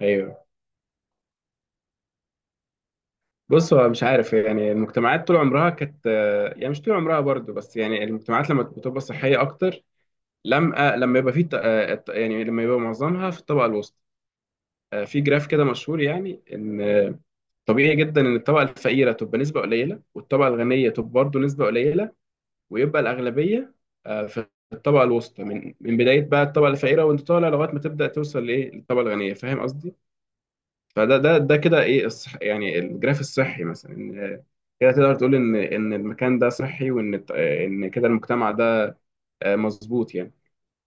ايوه. بص، هو مش عارف. يعني المجتمعات طول عمرها كانت، يعني مش طول عمرها برضو، بس يعني المجتمعات لما بتبقى صحيه اكتر، لما يبقى في يعني لما يبقى معظمها في الطبقه الوسطى. في جراف كده مشهور، يعني ان طبيعي جدا ان الطبقه الفقيره تبقى نسبه قليله، والطبقه الغنيه تبقى برضو نسبه قليله، ويبقى الاغلبيه في الطبقه الوسطى، من بدايه بقى الطبقه الفقيره، وانت طالع لغايه ما تبدا توصل لايه، للطبقه الغنيه. فاهم قصدي؟ فده ده ده كده ايه الصح، يعني الجراف الصحي، مثلا ان كده تقدر تقول ان المكان ده صحي، وان ان كده المجتمع ده آه، مظبوط يعني.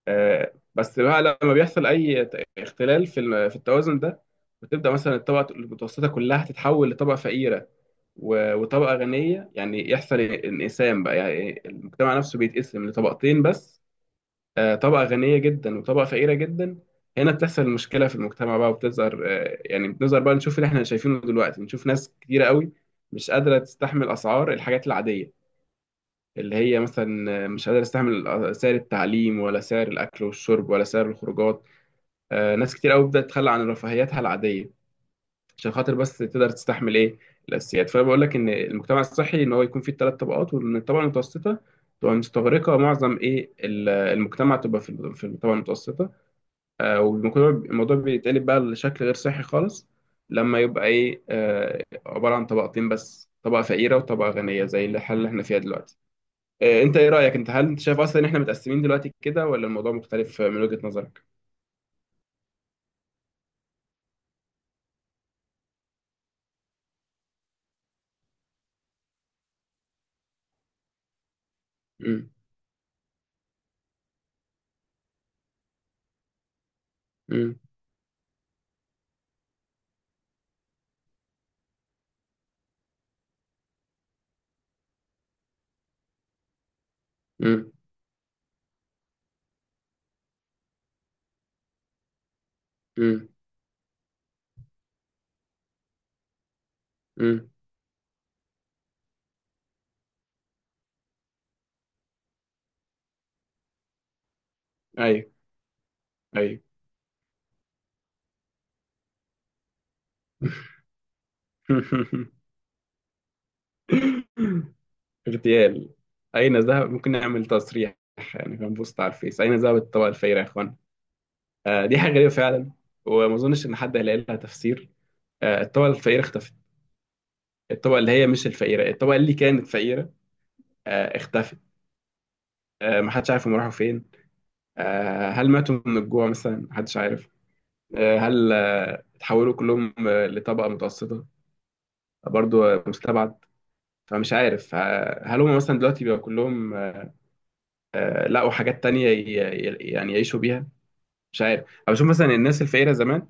بس بقى لما بيحصل اي اختلال في في التوازن ده، بتبدا مثلا الطبقه المتوسطه كلها تتحول لطبقه فقيره وطبقه غنيه. يعني يحصل انقسام بقى، يعني المجتمع نفسه بيتقسم لطبقتين بس، طبقة غنية جدا وطبقة فقيرة جدا. هنا بتحصل المشكلة في المجتمع بقى وبتظهر. يعني بنظهر بقى، نشوف اللي احنا شايفينه دلوقتي، نشوف ناس كتيرة قوي مش قادرة تستحمل أسعار الحاجات العادية، اللي هي مثلا مش قادرة تستحمل سعر التعليم ولا سعر الأكل والشرب ولا سعر الخروجات. ناس كتير قوي بدأت تتخلى عن رفاهياتها العادية، عشان خاطر بس تقدر تستحمل إيه، الأساسيات. فأنا بقول لك إن المجتمع الصحي إن هو يكون فيه الثلاث طبقات، وإن الطبقة المتوسطة تبقى مستغرقة معظم إيه المجتمع، تبقى في الطبقة المتوسطة. والموضوع، الموضوع بيتقلب بقى لشكل غير صحي خالص، لما يبقى ايه، عبارة عن طبقتين بس، طبقة فقيرة وطبقة غنية، زي الحالة اللي احنا فيها دلوقتي. انت ايه رأيك؟ انت هل انت شايف اصلا ان احنا متقسمين دلوقتي كده، ولا الموضوع مختلف من وجهة نظرك؟ امم امم امم امم امم ايوه، ايوه. اغتيال. اين ذهب؟ ممكن نعمل تصريح يعني، هنبوست على الفيس: اين ذهبت الطبقة الفقيرة يا اخوان؟ دي حاجة غريبة فعلا، وما اظنش ان حد هيلاقي لها تفسير. الطبقة الفقيرة اختفت. الطبقة اللي هي مش الفقيرة، الطبقة اللي كانت فقيرة اختفت. محدش عارف هم راحوا فين. هل ماتوا من الجوع مثلا؟ محدش عارف. هل اتحولوا كلهم لطبقة متوسطة؟ برضو مستبعد. فمش عارف، هل هم مثلا دلوقتي بقى كلهم لقوا حاجات تانية يعني يعيشوا بيها؟ مش عارف. أو بشوف مثلا الناس الفقيرة زمان،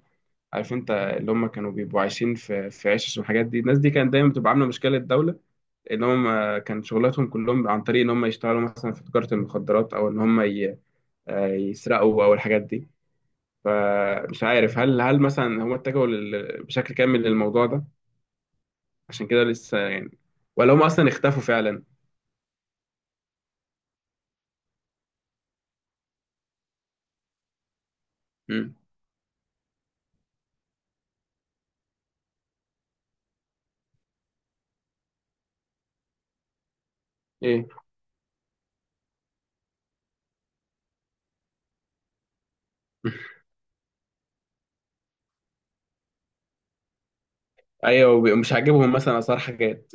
عارف انت، اللي هم كانوا بيبقوا عايشين في عشش والحاجات دي، الناس دي كانت دايما بتبقى عاملة مشكلة الدولة، اللي هم كان شغلاتهم كلهم عن طريق ان هم يشتغلوا مثلا في تجارة المخدرات، او ان هم يسرقوا، او الحاجات دي. فمش عارف هل هل مثلا هم اتجهوا بشكل كامل للموضوع ده، عشان كده لسه يعني، ولا هم اصلا اختفوا فعلا. مم. ايه؟ ايوه، مش عاجبهم مثلا اسعار حاجات.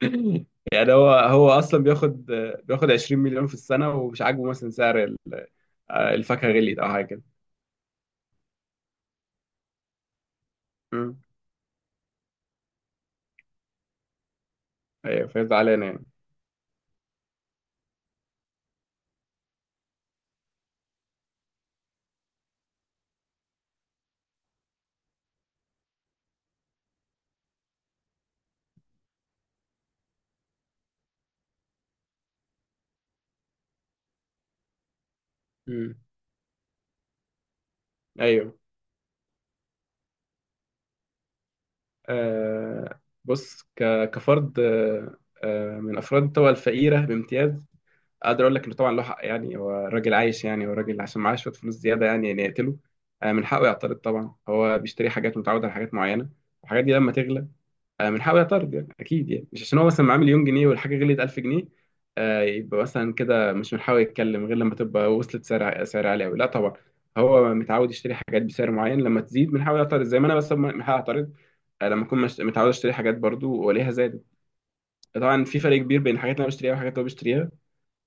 يعني هو هو اصلا بياخد، بياخد 20 مليون في السنة، ومش عاجبه مثلا سعر الفاكهة غليت او حاجة كده. مم. ايوه، فهي زعلانة يعني. مم. ايوه. بص، كفرد من افراد الطبقه الفقيره بامتياز، اقدر اقول لك انه طبعا له حق. يعني هو راجل عايش، يعني هو راجل عشان معاه شويه فلوس زياده، يعني يعني يقتله؟ من حقه يعترض طبعا. هو بيشتري حاجات، متعود على حاجات معينه، الحاجات دي لما تغلى من حق طرد يعني، اكيد يعني. مش عشان هو مثلا معاه مليون جنيه والحاجه غليت 1000 جنيه يبقى مثلا كده مش من حقه يتكلم، غير لما تبقى وصلت سعر، سعر عالي قوي. لا طبعا، هو متعود يشتري حاجات بسعر معين، لما تزيد من حقه يعترض، زي ما انا بس من حقي اعترض لما اكون متعود اشتري حاجات برضو والاقيها زادت. طبعا في فرق كبير بين الحاجات اللي انا بشتريها والحاجات اللي هو بيشتريها،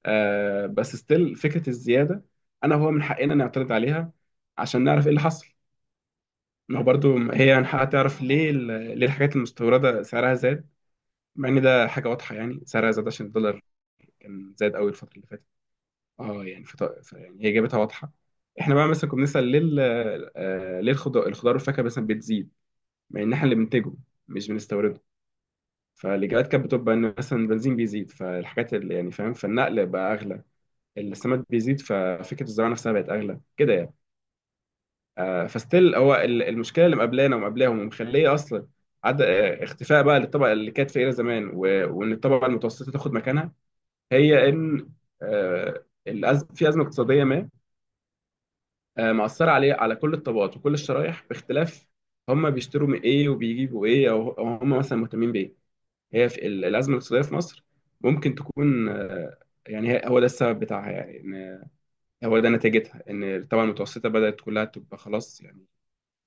بس ستيل فكره الزياده، انا هو من حقنا نعترض عليها عشان نعرف ايه اللي حصل. ما هو برضو هي من حقها تعرف ليه ليه الحاجات المستورده سعرها زاد، مع ان ده حاجه واضحه يعني، سعرها زاد عشان الدولار كان زاد قوي الفتره اللي فاتت. اه يعني يعني هي جابتها واضحه. احنا بقى مثلا كنا بنسال ليه ليه الخضار، الخضار والفاكهه مثلا بتزيد، مع ان احنا اللي بننتجه مش بنستورده. فالاجابات كانت بتبقى ان مثلا البنزين بيزيد، فالحاجات اللي يعني، فاهم، فالنقل بقى اغلى، السماد بيزيد ففكره الزراعه نفسها بقت اغلى كده يعني. آه، فستيل هو المشكله اللي مقابلانا ومقابلاهم، ومخليه اصلا عد... آه، اختفاء بقى للطبقه اللي كانت فقيره زمان، و... وان الطبقه المتوسطه تاخد مكانها، هي ان في ازمه اقتصاديه ما مأثره عليه، على كل الطبقات وكل الشرايح، باختلاف هم بيشتروا من ايه، وبيجيبوا ايه، او أو هم مثلا مهتمين بايه. هي في الازمه الاقتصاديه في مصر، ممكن تكون يعني هو ده السبب بتاعها، يعني ان هو ده نتيجتها، ان طبعا المتوسطه بدأت كلها تبقى خلاص يعني.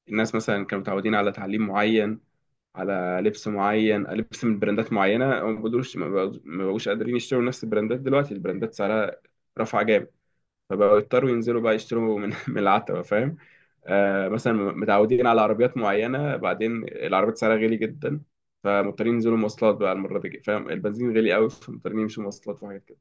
الناس مثلا كانوا متعودين على تعليم معين، على لبس معين، لبس من براندات معينه، هم ما بقدروش، ما بقوش قادرين يشتروا نفس البراندات دلوقتي. البراندات سعرها رفع جامد، فبقوا يضطروا ينزلوا بقى يشتروا من من العتبة، فاهم. آه مثلا متعودين على عربيات معينة، بعدين العربيات سعرها غالي جدا، فمضطرين ينزلوا مواصلات بقى المرة دي، فاهم، البنزين غالي قوي، فمضطرين يمشوا مواصلات وحاجات كده.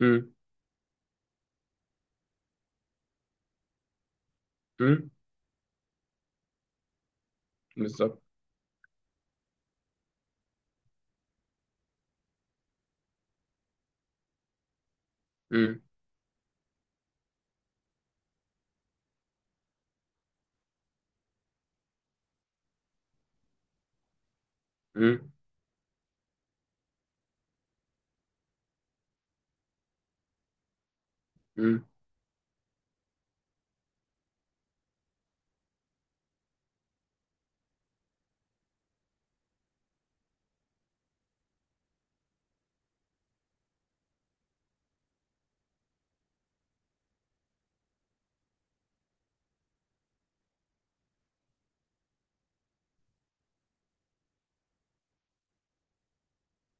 امم امم بالظبط. امم امم امم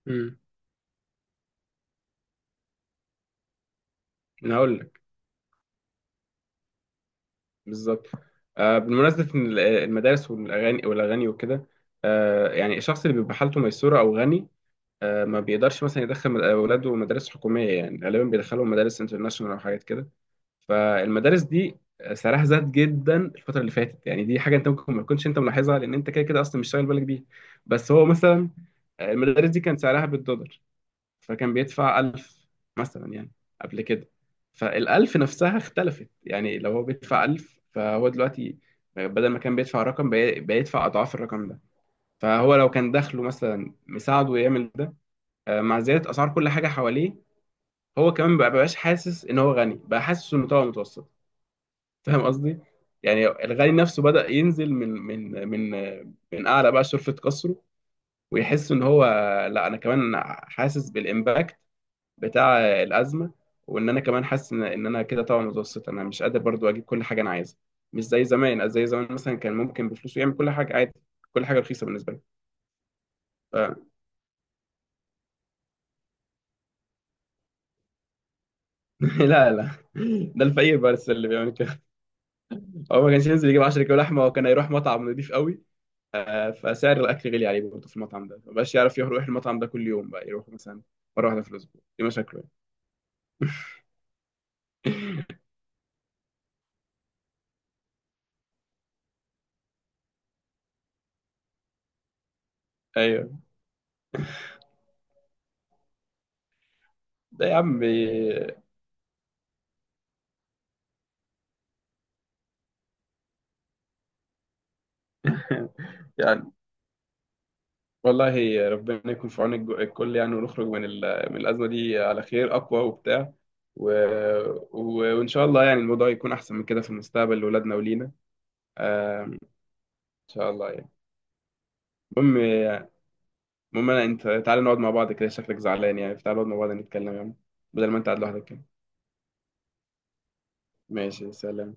امم انا هقول لك. بالظبط. آه، بالمناسبة إن المدارس والاغاني والاغاني وكده، آه يعني الشخص اللي بيبقى حالته ميسورة او غني، آه ما بيقدرش مثلا يدخل اولاده مدارس حكومية، يعني غالبا بيدخلهم مدارس انترناشونال او حاجات كده. فالمدارس دي سعرها زاد جدا الفترة اللي فاتت، يعني دي حاجة انت ممكن ما تكونش انت ملاحظها لان انت كده كده اصلا مش شاغل بالك بيها. بس هو مثلا المدارس دي كان سعرها بالدولار، فكان بيدفع 1000 مثلا يعني قبل كده. فالألف نفسها اختلفت، يعني لو هو بيدفع 1000، فهو دلوقتي بدل ما كان بيدفع رقم، بيدفع أضعاف الرقم ده. فهو لو كان دخله مثلا مساعده يعمل ده، مع زيادة أسعار كل حاجة حواليه، هو كمان مبقاش حاسس إن هو غني، بقى حاسس إنه طبقة متوسطة. فاهم قصدي؟ يعني الغني نفسه بدأ ينزل من من من أعلى بقى، شرفة قصره، ويحس إن هو، لا أنا كمان حاسس بالإمباكت بتاع الأزمة، وإن أنا كمان حاسس إن إن أنا كده طبعا متوسط. أنا مش قادر برضو أجيب كل حاجة أنا عايزها مش زي زمان. زي زمان مثلا كان ممكن بفلوسه يعمل كل حاجة عادي، كل حاجة رخيصة بالنسبة له. ف... لا، لا، ده الفقير بس اللي بيعمل كده. هو ما كانش ينزل يجيب 10 كيلو لحمة، وكان هيروح مطعم نضيف قوي. آه، فسعر الاكل غالي عليه برضه. في المطعم ده مبقاش يعرف يروح المطعم ده كل يوم، بقى يروح مثلا مره واحده في الاسبوع. دي مشاكله يعني. ايوه، ده يا عم. يعني، والله ربنا يكون في عون الكل يعني، ونخرج من من الازمه دي على خير اقوى وبتاع. و... و... وان شاء الله يعني الموضوع يكون احسن من كده في المستقبل لاولادنا ولينا. ان شاء الله يعني. المهم، المهم انت تعالى نقعد مع بعض كده، شكلك زعلان يعني. تعالى نقعد مع بعض نتكلم يعني، بدل ما انت قاعد لوحدك كده. ماشي، سلام.